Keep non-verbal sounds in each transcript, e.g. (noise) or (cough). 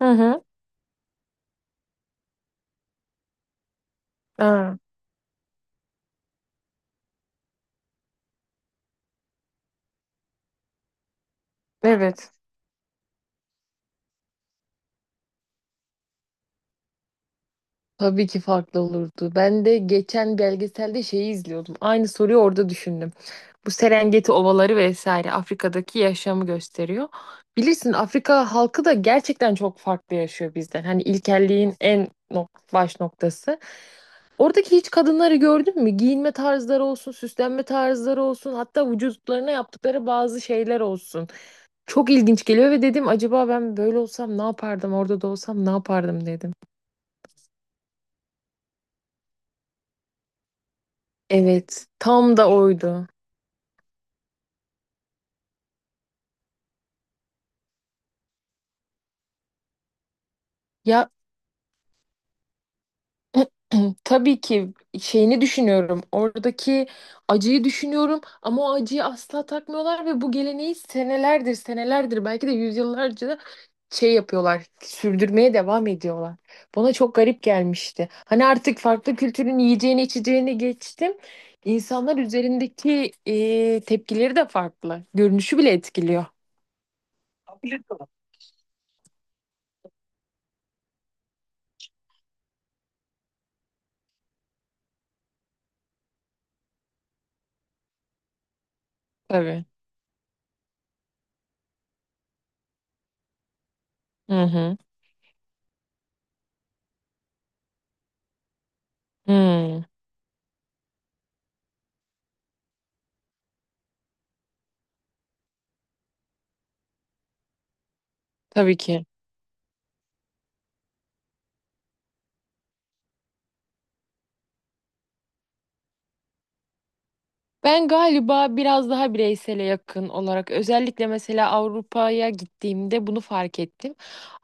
Hı hı. Aa, evet. Tabii ki farklı olurdu. Ben de geçen belgeselde şeyi izliyordum. Aynı soruyu orada düşündüm. Bu Serengeti ovaları vesaire Afrika'daki yaşamı gösteriyor. Bilirsin Afrika halkı da gerçekten çok farklı yaşıyor bizden. Hani ilkelliğin en baş noktası. Oradaki hiç kadınları gördün mü? Giyinme tarzları olsun, süslenme tarzları olsun, hatta vücutlarına yaptıkları bazı şeyler olsun. Çok ilginç geliyor ve dedim acaba ben böyle olsam ne yapardım, orada da olsam ne yapardım dedim. Evet, tam da oydu. Ya, (clears throat) tabii ki şeyini düşünüyorum. Oradaki acıyı düşünüyorum ama o acıyı asla takmıyorlar ve bu geleneği senelerdir, senelerdir belki de yüzyıllarca da şey yapıyorlar. Sürdürmeye devam ediyorlar. Bana çok garip gelmişti. Hani artık farklı kültürün yiyeceğini, içeceğini geçtim. İnsanlar üzerindeki tepkileri de farklı. Görünüşü bile etkiliyor. Tabii. Hı hı. Hı. Tabii ki. Ben galiba biraz daha bireysele yakın olarak özellikle mesela Avrupa'ya gittiğimde bunu fark ettim.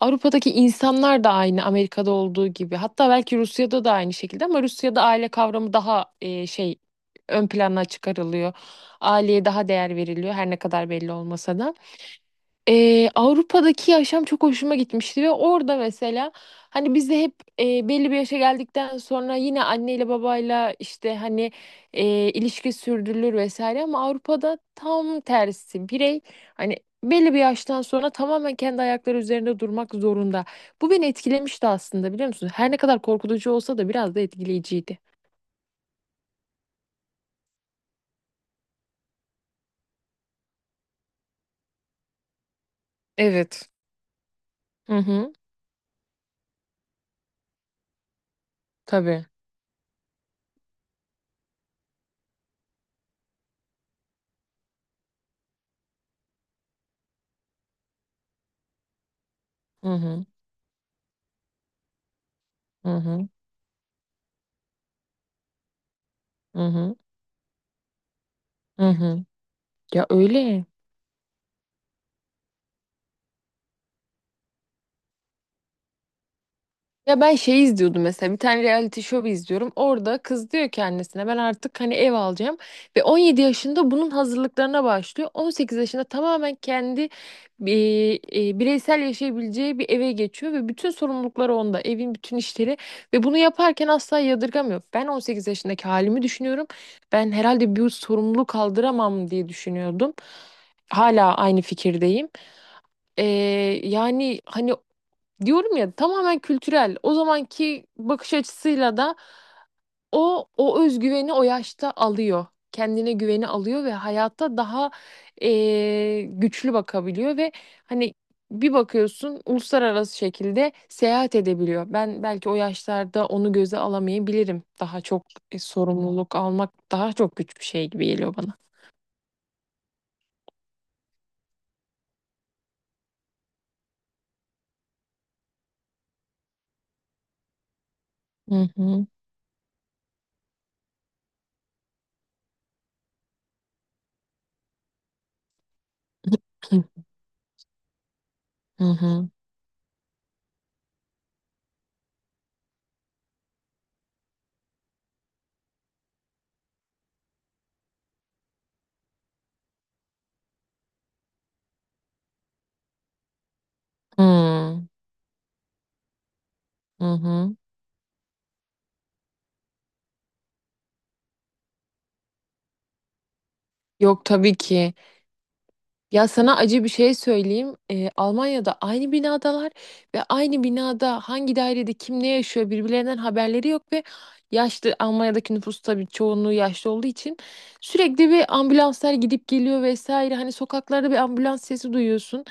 Avrupa'daki insanlar da aynı Amerika'da olduğu gibi. Hatta belki Rusya'da da aynı şekilde ama Rusya'da aile kavramı daha şey ön plana çıkarılıyor. Aileye daha değer veriliyor her ne kadar belli olmasa da. Avrupa'daki yaşam çok hoşuma gitmişti ve orada mesela hani biz de hep belli bir yaşa geldikten sonra yine anneyle babayla işte hani ilişki sürdürülür vesaire ama Avrupa'da tam tersi, birey hani belli bir yaştan sonra tamamen kendi ayakları üzerinde durmak zorunda. Bu beni etkilemişti aslında, biliyor musun? Her ne kadar korkutucu olsa da biraz da etkileyiciydi. Evet. Hı hı, tabii. Hı hı, hı hı, hı hı, hı hı. Ya öyle. Ya, ben şey izliyordum, mesela bir tane reality show izliyorum. Orada kız diyor ki annesine, ben artık hani ev alacağım. Ve 17 yaşında bunun hazırlıklarına başlıyor. 18 yaşında tamamen kendi bireysel yaşayabileceği bir eve geçiyor. Ve bütün sorumlulukları onda, evin bütün işleri. Ve bunu yaparken asla yadırgamıyor. Ben 18 yaşındaki halimi düşünüyorum. Ben herhalde bir sorumluluk kaldıramam diye düşünüyordum. Hala aynı fikirdeyim. Ee, yani hani diyorum ya, tamamen kültürel. O zamanki bakış açısıyla da o özgüveni o yaşta alıyor. Kendine güveni alıyor ve hayatta daha güçlü bakabiliyor ve hani bir bakıyorsun uluslararası şekilde seyahat edebiliyor. Ben belki o yaşlarda onu göze alamayabilirim. Daha çok sorumluluk almak daha çok güç bir şey gibi geliyor bana. Hı hı. (clears throat) Hı hı. Hı hı. Hı hı. Yok tabii ki. Ya, sana acı bir şey söyleyeyim. Almanya'da aynı binadalar ve aynı binada hangi dairede kim ne yaşıyor birbirlerinden haberleri yok ve yaşlı, Almanya'daki nüfus tabii çoğunluğu yaşlı olduğu için sürekli bir ambulanslar gidip geliyor vesaire. Hani sokaklarda bir ambulans sesi duyuyorsun.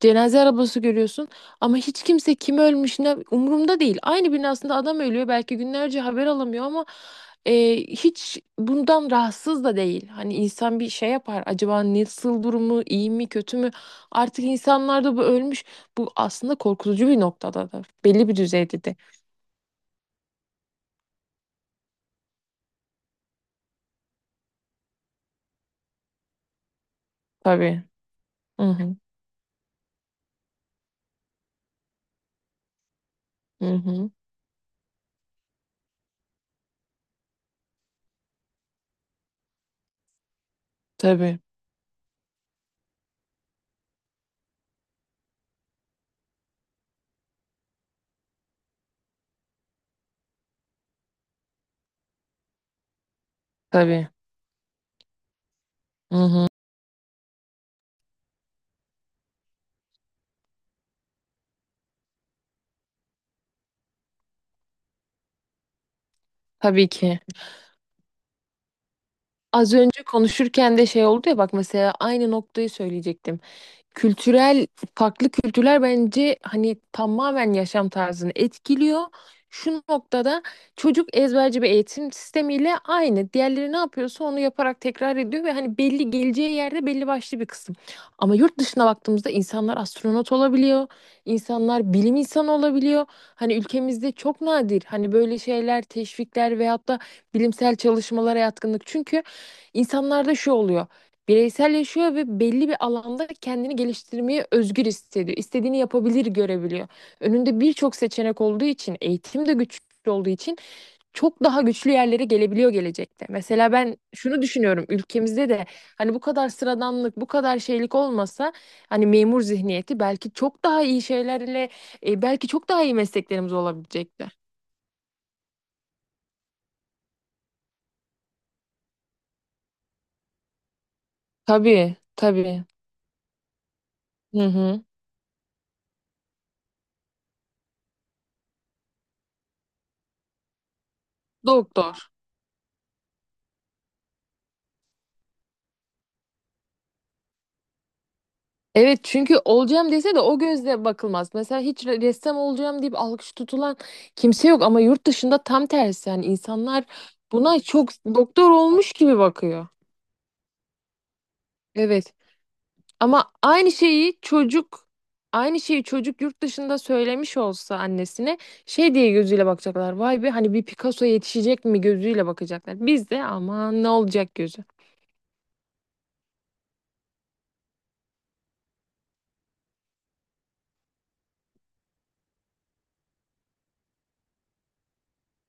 Cenaze arabası görüyorsun ama hiç kimse kim ölmüş ne umurumda değil. Aynı binasında adam ölüyor belki günlerce haber alamıyor ama hiç bundan rahatsız da değil. Hani insan bir şey yapar acaba, nasıl, durumu iyi mi kötü mü, artık insanlarda bu ölmüş, bu aslında korkutucu bir noktada da belli bir düzeyde de tabii. Hı hı, hı hı. Tabii tabii. Hı hı. Tabii ki. Az önce konuşurken de şey oldu ya, bak mesela aynı noktayı söyleyecektim. Kültürel, farklı kültürler bence hani tamamen yaşam tarzını etkiliyor. Şu noktada çocuk ezberci bir eğitim sistemiyle aynı. Diğerleri ne yapıyorsa onu yaparak tekrar ediyor ve hani belli geleceği yerde belli başlı bir kısım. Ama yurt dışına baktığımızda insanlar astronot olabiliyor, insanlar bilim insanı olabiliyor. Hani ülkemizde çok nadir hani böyle şeyler, teşvikler veyahut da bilimsel çalışmalara yatkınlık. Çünkü insanlarda şu oluyor. Bireysel yaşıyor ve belli bir alanda kendini geliştirmeye özgür hissediyor. İstediğini yapabilir, görebiliyor. Önünde birçok seçenek olduğu için, eğitim de güçlü olduğu için çok daha güçlü yerlere gelebiliyor gelecekte. Mesela ben şunu düşünüyorum, ülkemizde de hani bu kadar sıradanlık, bu kadar şeylik olmasa hani memur zihniyeti, belki çok daha iyi şeylerle belki çok daha iyi mesleklerimiz olabilecekti. Tabii, tabii. Hı hı. Doktor. Evet, çünkü olacağım dese de o gözle bakılmaz. Mesela hiç ressam olacağım deyip alkış tutulan kimse yok ama yurt dışında tam tersi, yani insanlar buna çok doktor olmuş gibi bakıyor. Evet. Ama aynı şeyi çocuk yurt dışında söylemiş olsa annesine şey diye gözüyle bakacaklar. Vay be, hani bir Picasso yetişecek mi gözüyle bakacaklar. Bizde de aman ne olacak gözü.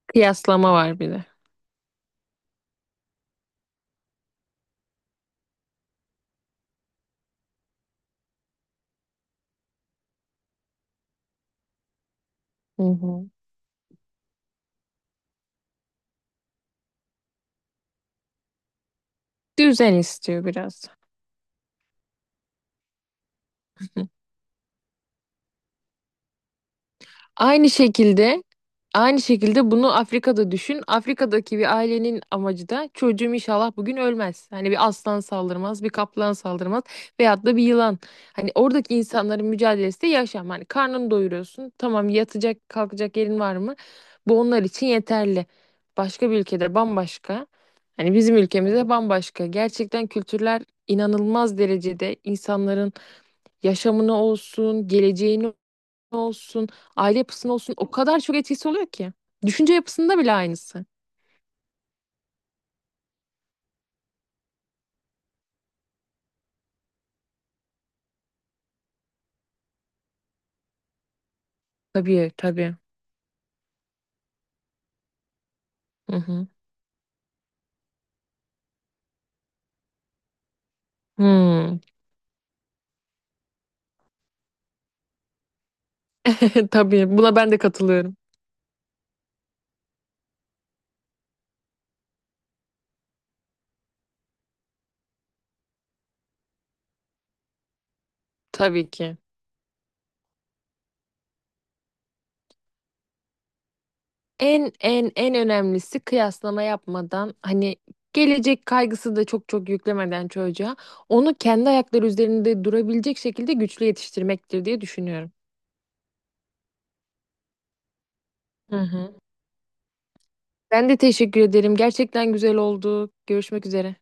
Kıyaslama var bir de. Hı hı. Düzen istiyor biraz. Aynı şekilde aynı şekilde bunu Afrika'da düşün. Afrika'daki bir ailenin amacı da çocuğum inşallah bugün ölmez. Hani bir aslan saldırmaz, bir kaplan saldırmaz veyahut da bir yılan. Hani oradaki insanların mücadelesi de yaşam. Hani karnını doyuruyorsun. Tamam, yatacak, kalkacak yerin var mı? Bu onlar için yeterli. Başka bir ülkede bambaşka. Hani bizim ülkemizde bambaşka. Gerçekten kültürler inanılmaz derecede insanların yaşamını olsun, geleceğini olsun, aile yapısına olsun o kadar çok etkisi oluyor ki. Düşünce yapısında bile aynısı. Tabii tabii. Hı hı. Hmm. (laughs) Tabii buna ben de katılıyorum. Tabii ki. En önemlisi, kıyaslama yapmadan hani gelecek kaygısı da çok çok yüklemeden çocuğa, onu kendi ayakları üzerinde durabilecek şekilde güçlü yetiştirmektir diye düşünüyorum. Hı hı. Ben de teşekkür ederim. Gerçekten güzel oldu. Görüşmek üzere.